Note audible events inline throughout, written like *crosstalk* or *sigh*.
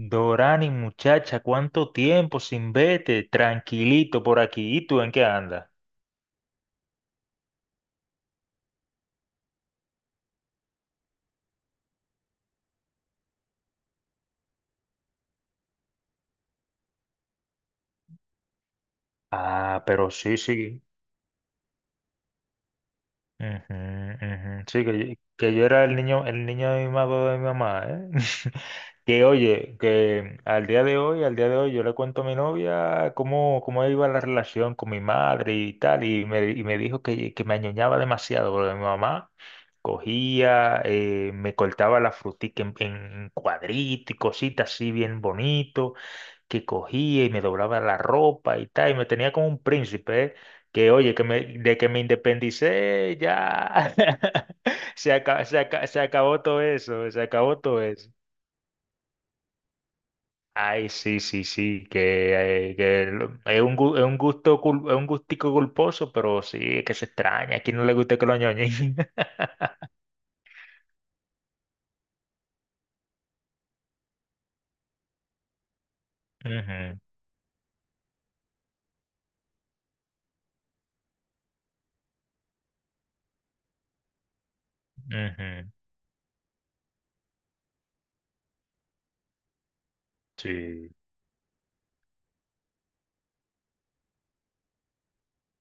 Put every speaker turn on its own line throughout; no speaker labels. Dorani, muchacha, ¿cuánto tiempo sin vete? Tranquilito por aquí. ¿Y tú en qué andas? Ah, pero sí, sí. Ujú, ujú. Sí, que yo era el niño de mi mamá, ¿eh? *laughs* Que oye, que al día de hoy, al día de hoy, yo le cuento a mi novia cómo iba la relación con mi madre y tal, y me dijo que me añoñaba demasiado, porque mi mamá cogía, me cortaba la frutica en cuadritos y cositas así bien bonito, que cogía y me doblaba la ropa y tal, y me tenía como un príncipe, ¿eh? Que oye, de que me independicé, ya. *laughs* Se acabó, se acabó todo eso, se acabó todo eso. Ay, sí, sí, sí, es un gusto, es un gustico culposo, pero sí, es que se extraña. ¿A quién no le gusta que lo ñoñen? *laughs* Ujú, ujú, sí,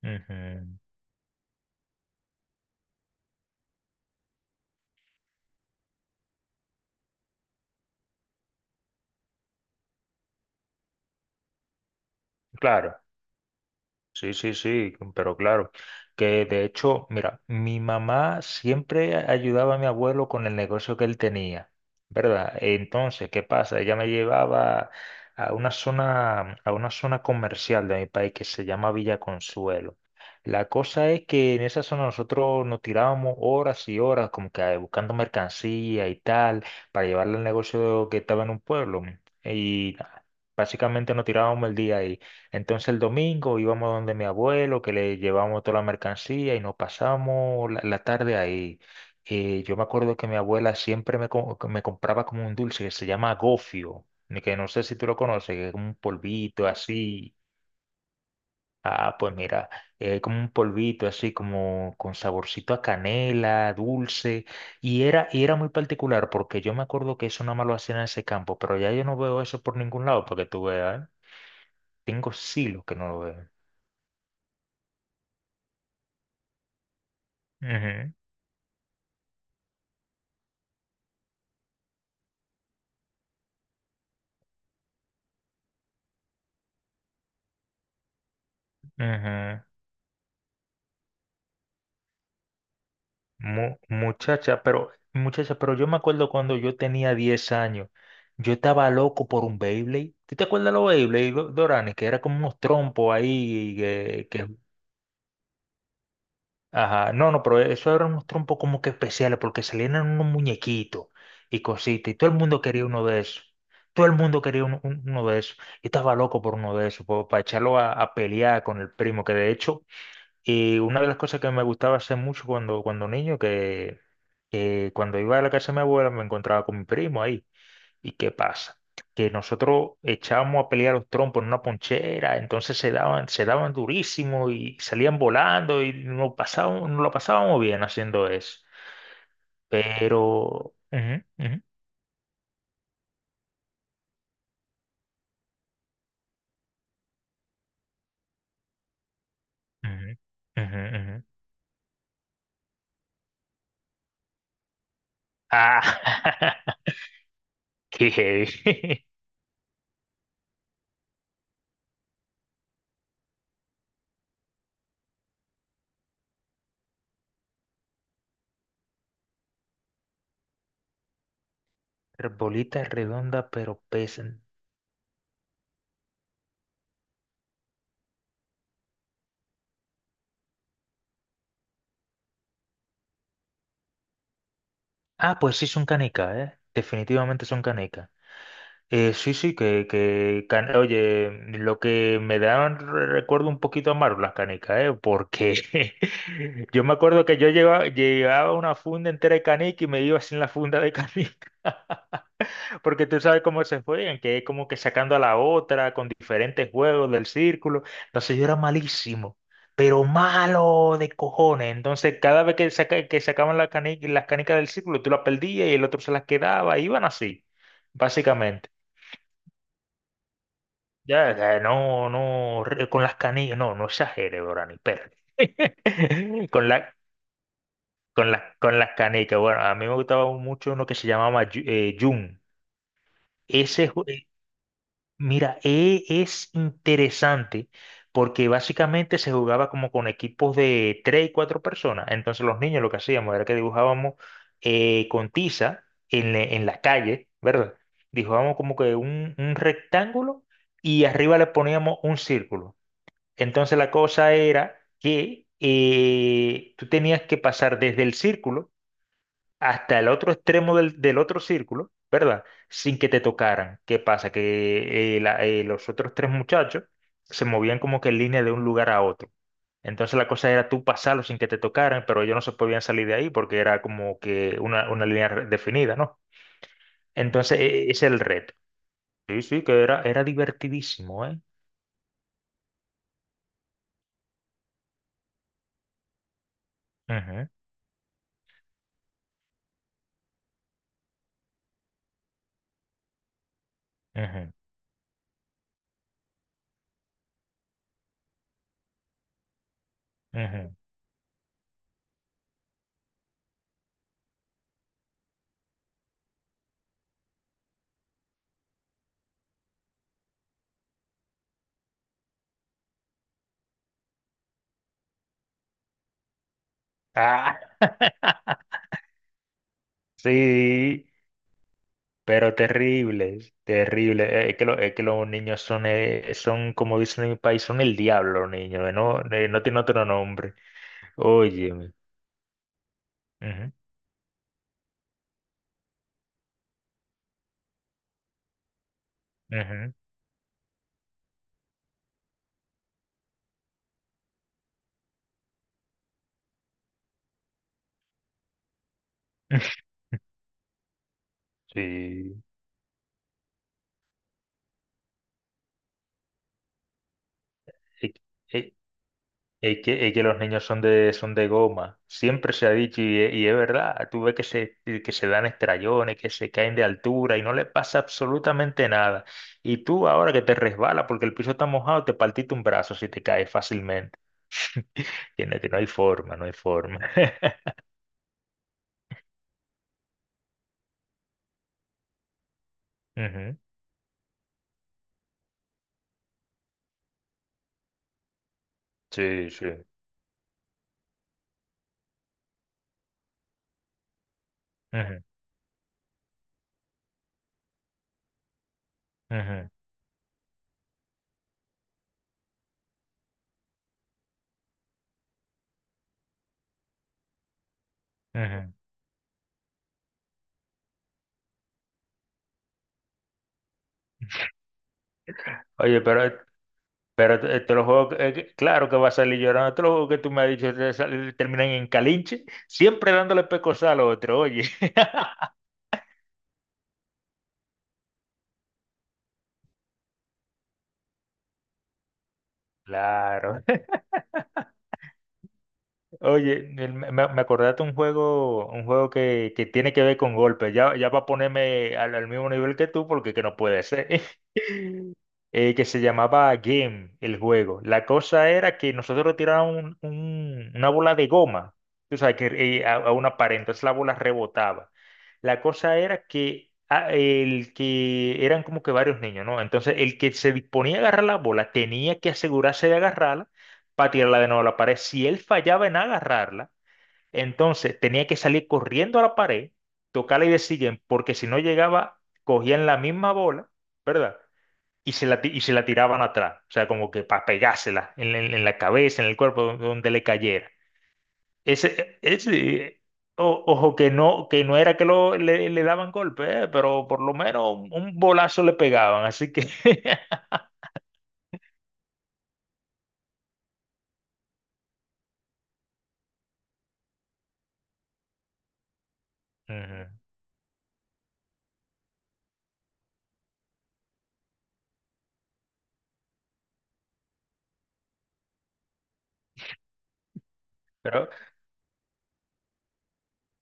ujú. Claro. Sí, sí, sí, pero claro, que de hecho, mira, mi mamá siempre ayudaba a mi abuelo con el negocio que él tenía, ¿verdad? Entonces, ¿qué pasa? Ella me llevaba a una zona comercial de mi país que se llama Villa Consuelo. La cosa es que en esa zona nosotros nos tirábamos horas y horas como que buscando mercancía y tal para llevarle al negocio que estaba en un pueblo. Y nada, básicamente nos tirábamos el día ahí. Entonces el domingo íbamos donde mi abuelo, que le llevamos toda la mercancía y nos pasamos la tarde ahí. Y yo me acuerdo que mi abuela siempre me compraba como un dulce que se llama gofio, ni que no sé si tú lo conoces, que es como un polvito así. Ah, pues mira, es como un polvito así, como con saborcito a canela, dulce. Y era muy particular porque yo me acuerdo que eso nada más lo hacían en ese campo, pero ya yo no veo eso por ningún lado, porque tú veas, ¿eh? Tengo siglos que no lo veo. Ujú. Ujú. Muchacha, pero muchacha, pero yo me acuerdo cuando yo tenía 10 años, yo estaba loco por un Beyblade. ¿Tú te acuerdas de los Beyblade, Dorani? Que era como unos trompos ahí ajá, no, no, pero eso eran unos trompos como que especiales porque salían en unos muñequitos y cositas y todo el mundo quería uno de esos. Todo el mundo quería uno de esos. Yo estaba loco por uno de esos, para echarlo a pelear con el primo, que de hecho. Y una de las cosas que me gustaba hacer mucho cuando niño, que cuando iba a la casa de mi abuela me encontraba con mi primo ahí. ¿Y qué pasa? Que nosotros echábamos a pelear los trompos en una ponchera, entonces se daban durísimo y salían volando y nos lo pasábamos bien haciendo eso. Pero, ujú, ujú, ujú, ujú, ujú. Ah, *laughs* qué heavy. *laughs* Bolita redonda pero pesa. Ah, pues sí son canicas, ¿eh? Definitivamente son canicas. Sí, sí, oye, lo que me dan recuerdo un poquito amargo las canicas, ¿eh? Porque *laughs* yo me acuerdo que yo llevaba una funda entera de canica y me iba sin la funda de canica. Porque tú sabes cómo se juegan, que es como que sacando a la otra con diferentes juegos del círculo. Entonces yo era malísimo, pero malo de cojones. Entonces cada vez que sacaban las canicas del círculo, tú las perdías y el otro se las quedaba. Iban así, básicamente. Ya, ya, no, no, con las canicas, no, no exagere, bro, ni perro. *laughs* Con la, con las canicas. Bueno, a mí me gustaba mucho uno que se llamaba Jun. Ese, Mira, es interesante porque básicamente se jugaba como con equipos de tres y cuatro personas. Entonces los niños lo que hacíamos era que dibujábamos con tiza en la calle, ¿verdad? Dibujábamos como que un rectángulo y arriba le poníamos un círculo. Entonces la cosa era que tú tenías que pasar desde el círculo hasta el otro extremo del otro círculo, ¿verdad? Sin que te tocaran. ¿Qué pasa? Que los otros tres muchachos se movían como que en línea de un lugar a otro. Entonces la cosa era tú pasarlo sin que te tocaran, pero ellos no se podían salir de ahí porque era como que una línea definida, ¿no? Entonces ese es el reto. Sí, sí, que era divertidísimo. Eh Ujú, ujú, ujú. Ah, sí. Pero terribles, terribles. Es que los niños son, como dicen en mi país, son el diablo, los niños. No, no tiene otro nombre. Óyeme. Ujú, ujú. *laughs* Sí. Es, es- es que los niños son de goma. Siempre se ha dicho, y es verdad, tú ves que se dan estrellones, que se caen de altura y no le pasa absolutamente nada. Y tú ahora que te resbala porque el piso está mojado, te partiste un brazo si te caes fácilmente. *laughs* Que no hay forma, no hay forma. *laughs* Ujú, sí, sí. Ujú, ujú, ujú. Oye, pero te- te los juegos, que- claro que va a salir llorando. Todos los juegos que tú me has dicho terminan en calinche, siempre dándole pecosal al otro, oye. *laughs* Claro. Oye, me acordaste un juego, un juego que tiene que ver con golpes. Ya, ya va a ponerme al mismo nivel que tú porque que no puede ser. Que se llamaba Game, el juego. La cosa era que nosotros tirábamos una bola de goma, tú sabes, a una pared, entonces la bola rebotaba. La cosa era que el que eran como que varios niños, ¿no? Entonces el que se disponía a agarrar la bola tenía que asegurarse de agarrarla para tirarla de nuevo a la pared. Si él fallaba en agarrarla, entonces tenía que salir corriendo a la pared, tocarla y decir, porque si no llegaba, cogían la misma bola, ¿verdad? Y se la tiraban atrás, o sea, como que para pegársela en la cabeza, en el cuerpo, donde le cayera. Ese, ese, ojo, que no era que le daban golpe, pero por lo menos un bolazo le pegaban, así que. *laughs* Ujú. Pero,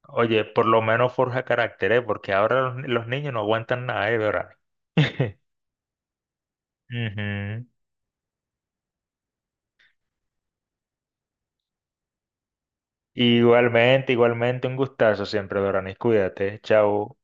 oye, por lo menos forja carácter, porque ahora los niños no aguantan nada, ¿eh, Dorani? *laughs* Ujú. Igualmente, igualmente, un gustazo siempre, Dorani. Cuídate, chao.